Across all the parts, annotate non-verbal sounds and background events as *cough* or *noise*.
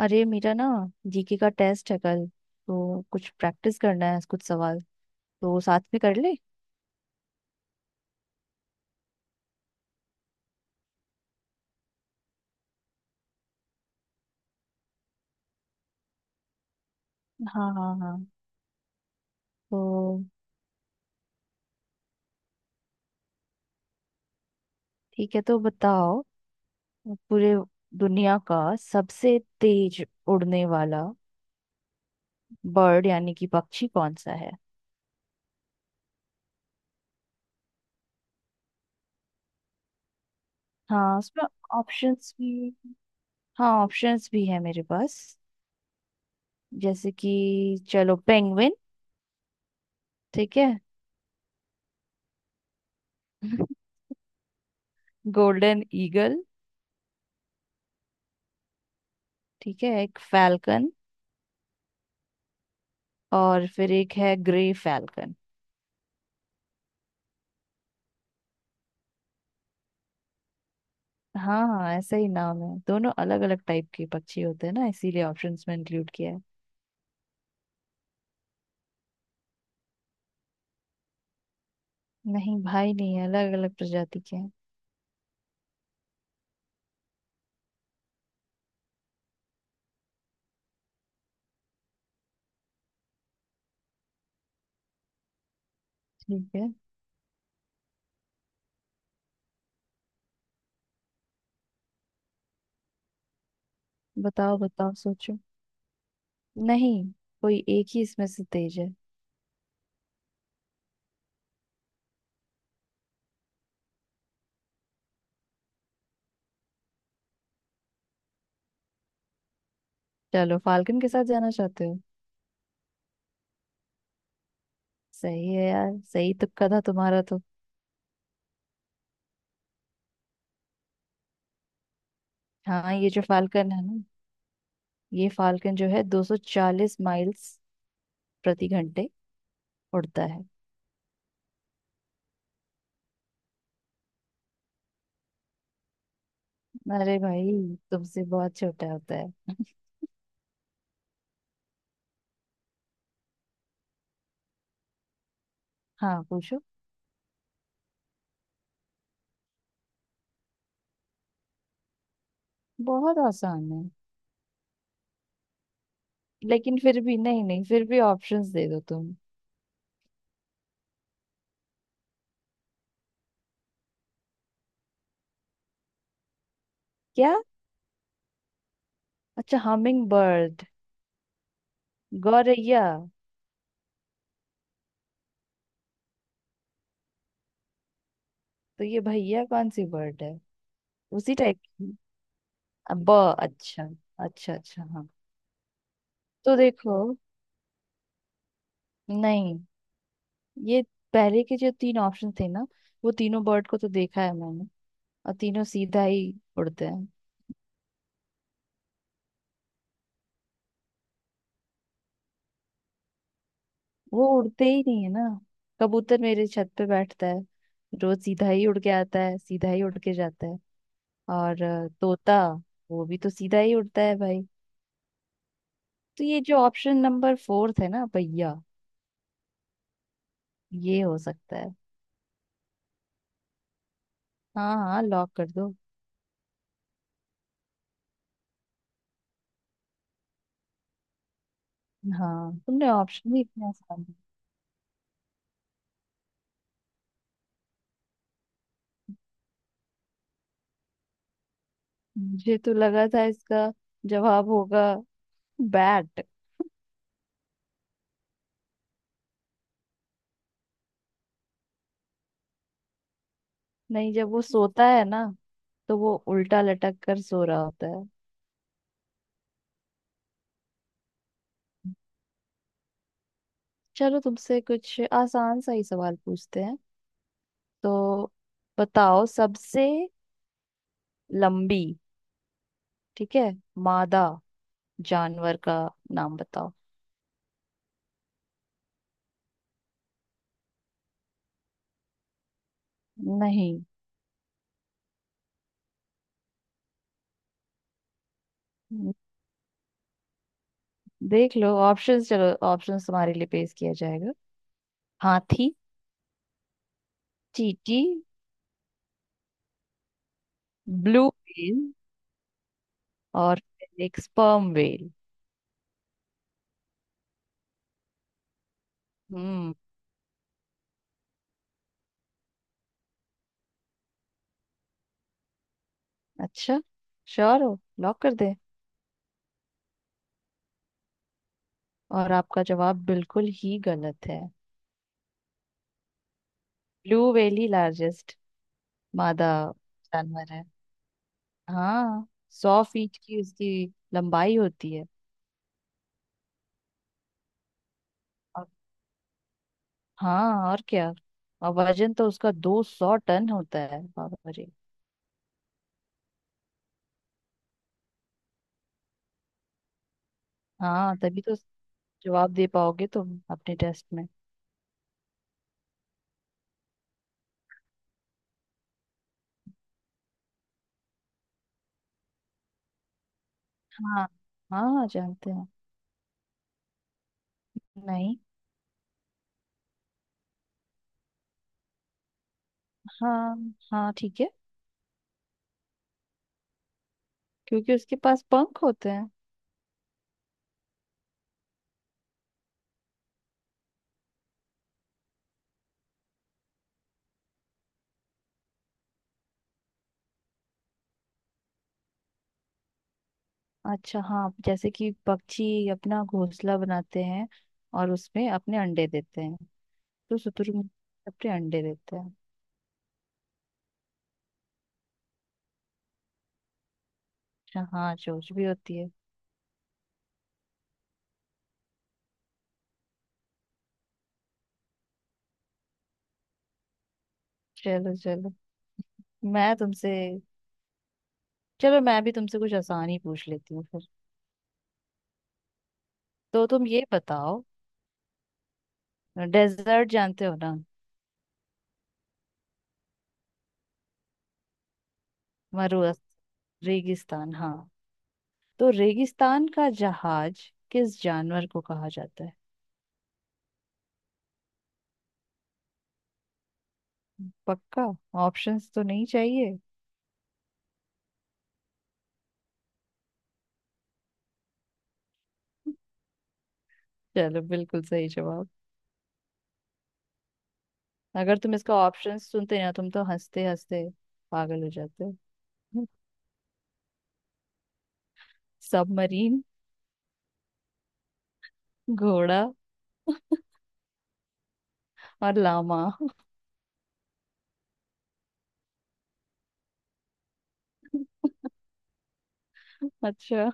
अरे मेरा ना, जीके का टेस्ट है कल, तो कुछ प्रैक्टिस करना है, कुछ सवाल तो साथ में कर ले। हाँ हाँ हाँ। तो ठीक है, तो बताओ। पूरे दुनिया का सबसे तेज उड़ने वाला बर्ड यानी कि पक्षी कौन सा है? हाँ, उसमें ऑप्शंस भी। हाँ, ऑप्शंस भी है मेरे पास। जैसे कि, चलो पेंगुइन, ठीक है। *laughs* गोल्डन ईगल, ठीक है, एक फैल्कन, और फिर एक है ग्रे फैल्कन। हाँ हाँ, ऐसा ही नाम है, दोनों अलग अलग टाइप के पक्षी होते हैं ना, इसीलिए ऑप्शंस में इंक्लूड किया है। नहीं भाई, नहीं है, अलग अलग प्रजाति के हैं। ठीक है, बताओ बताओ, सोचो। नहीं, कोई एक ही इसमें से तेज है। चलो, फाल्कन के साथ जाना चाहते हो। सही है यार, सही तुक्का था तुम्हारा तो। हाँ, ये जो फाल्कन है ना, ये फाल्कन जो है 240 माइल्स प्रति घंटे उड़ता है। अरे भाई, तुमसे बहुत छोटा होता है। हाँ पूछो। बहुत आसान है। लेकिन फिर भी, नहीं नहीं, फिर भी ऑप्शंस दे दो तुम। क्या? अच्छा, हमिंग बर्ड। गौरैया। तो ये भैया कौन सी बर्ड है? उसी टाइप की। अब ब अच्छा। अच्छा अच्छा, हाँ। तो देखो। नहीं, ये पहले के जो तीन ऑप्शन थे ना, वो तीनों बर्ड को तो देखा है मैंने, और तीनों सीधा ही उड़ते हैं। वो उड़ते ही नहीं है ना। कबूतर मेरे छत पे बैठता है, रोज सीधा ही उड़ के आता है, सीधा ही उड़ के जाता है। और तोता, वो भी तो सीधा ही उड़ता है भाई। तो ये जो ऑप्शन नंबर फोर्थ है ना भैया, ये हो सकता है। हाँ हाँ, लॉक कर दो। हाँ, तुमने ऑप्शन ही इतने आसान दिए। मुझे तो लगा था इसका जवाब होगा बैट। नहीं, जब वो सोता है ना, तो वो उल्टा लटक कर सो रहा होता है। चलो, तुमसे कुछ आसान सा ही सवाल पूछते हैं। तो बताओ, सबसे लंबी, ठीक है, मादा जानवर का नाम बताओ। नहीं। देख लो ऑप्शंस, चलो ऑप्शंस तुम्हारे लिए पेश किया जाएगा। हाथी, चींटी, ब्लू व्हेल, और एक स्पर्म व्हेल। हम्म। अच्छा, श्योर हो, लॉक कर दे। और आपका जवाब बिल्कुल ही गलत है। ब्लू व्हेल ही लार्जेस्ट मादा जानवर है। हाँ, 100 फीट की उसकी लंबाई होती है। और- हाँ, और क्या, और वजन तो उसका 200 टन होता है। बाबा रे। हाँ तभी तो, जवाब दे पाओगे तुम अपने टेस्ट में। हाँ हाँ, जानते हैं। नहीं। हाँ हाँ, ठीक है। क्योंकि उसके पास पंख होते हैं। अच्छा हाँ, जैसे कि पक्षी अपना घोंसला बनाते हैं और उसमें अपने अंडे देते हैं। तो शुतुरमुर्ग अपने अंडे देते हैं। अच्छा हाँ, चोंच भी होती है। चलो चलो, मैं तुमसे, चलो मैं भी तुमसे कुछ आसान ही पूछ लेती हूँ फिर। तो तुम ये बताओ, डेजर्ट जानते हो ना। मरुस्थल, रेगिस्तान, हाँ। तो रेगिस्तान का जहाज किस जानवर को कहा जाता है? पक्का। ऑप्शंस तो नहीं चाहिए। चलो, बिल्कुल सही जवाब। अगर तुम इसका ऑप्शंस सुनते ना, तुम तो हंसते हंसते पागल हो जाते। सबमरीन, घोड़ा, और लामा। *laughs* अच्छा।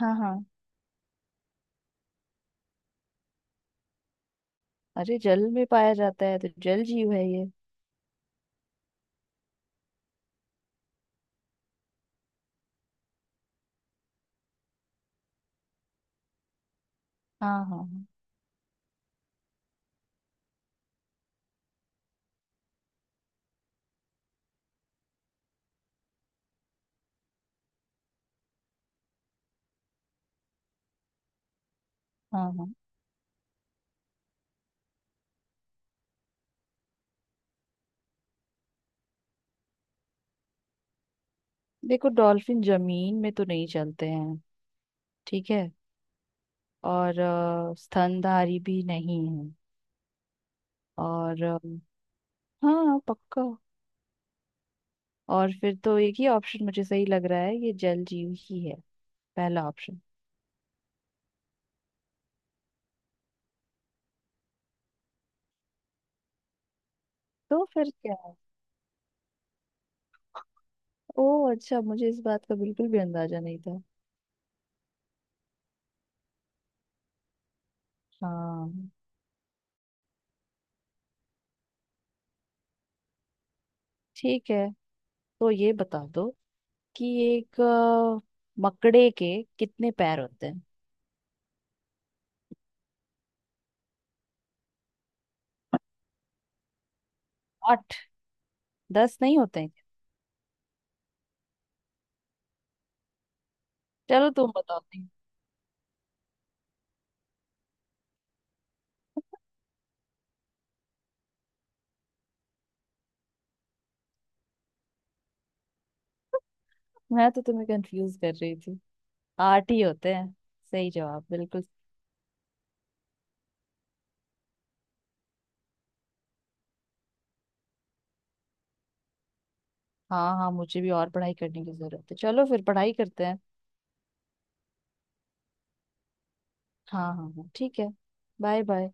हाँ हाँ। अरे, जल में पाया जाता है तो जल जीव है ये। हाँ हाँ हाँ हाँ हाँ। देखो, डॉल्फिन जमीन में तो नहीं चलते हैं, ठीक है। और स्तनधारी भी नहीं है। और हाँ पक्का। और फिर तो एक ही ऑप्शन मुझे सही लग रहा है, ये जल जीव ही है, पहला ऑप्शन। तो फिर क्या है? ओ अच्छा, मुझे इस बात का बिल्कुल भी अंदाजा नहीं था। हाँ ठीक है। तो ये बता दो कि एक मकड़े के कितने पैर होते हैं? आठ। 10 नहीं होते हैं? चलो तुम बताओ, नहीं। मैं तो तुम्हें कंफ्यूज कर रही थी, आठ ही होते हैं। सही जवाब बिल्कुल। हाँ हाँ, मुझे भी और पढ़ाई करने की जरूरत है, चलो फिर पढ़ाई करते हैं। हाँ हाँ हाँ, ठीक है। Bye bye.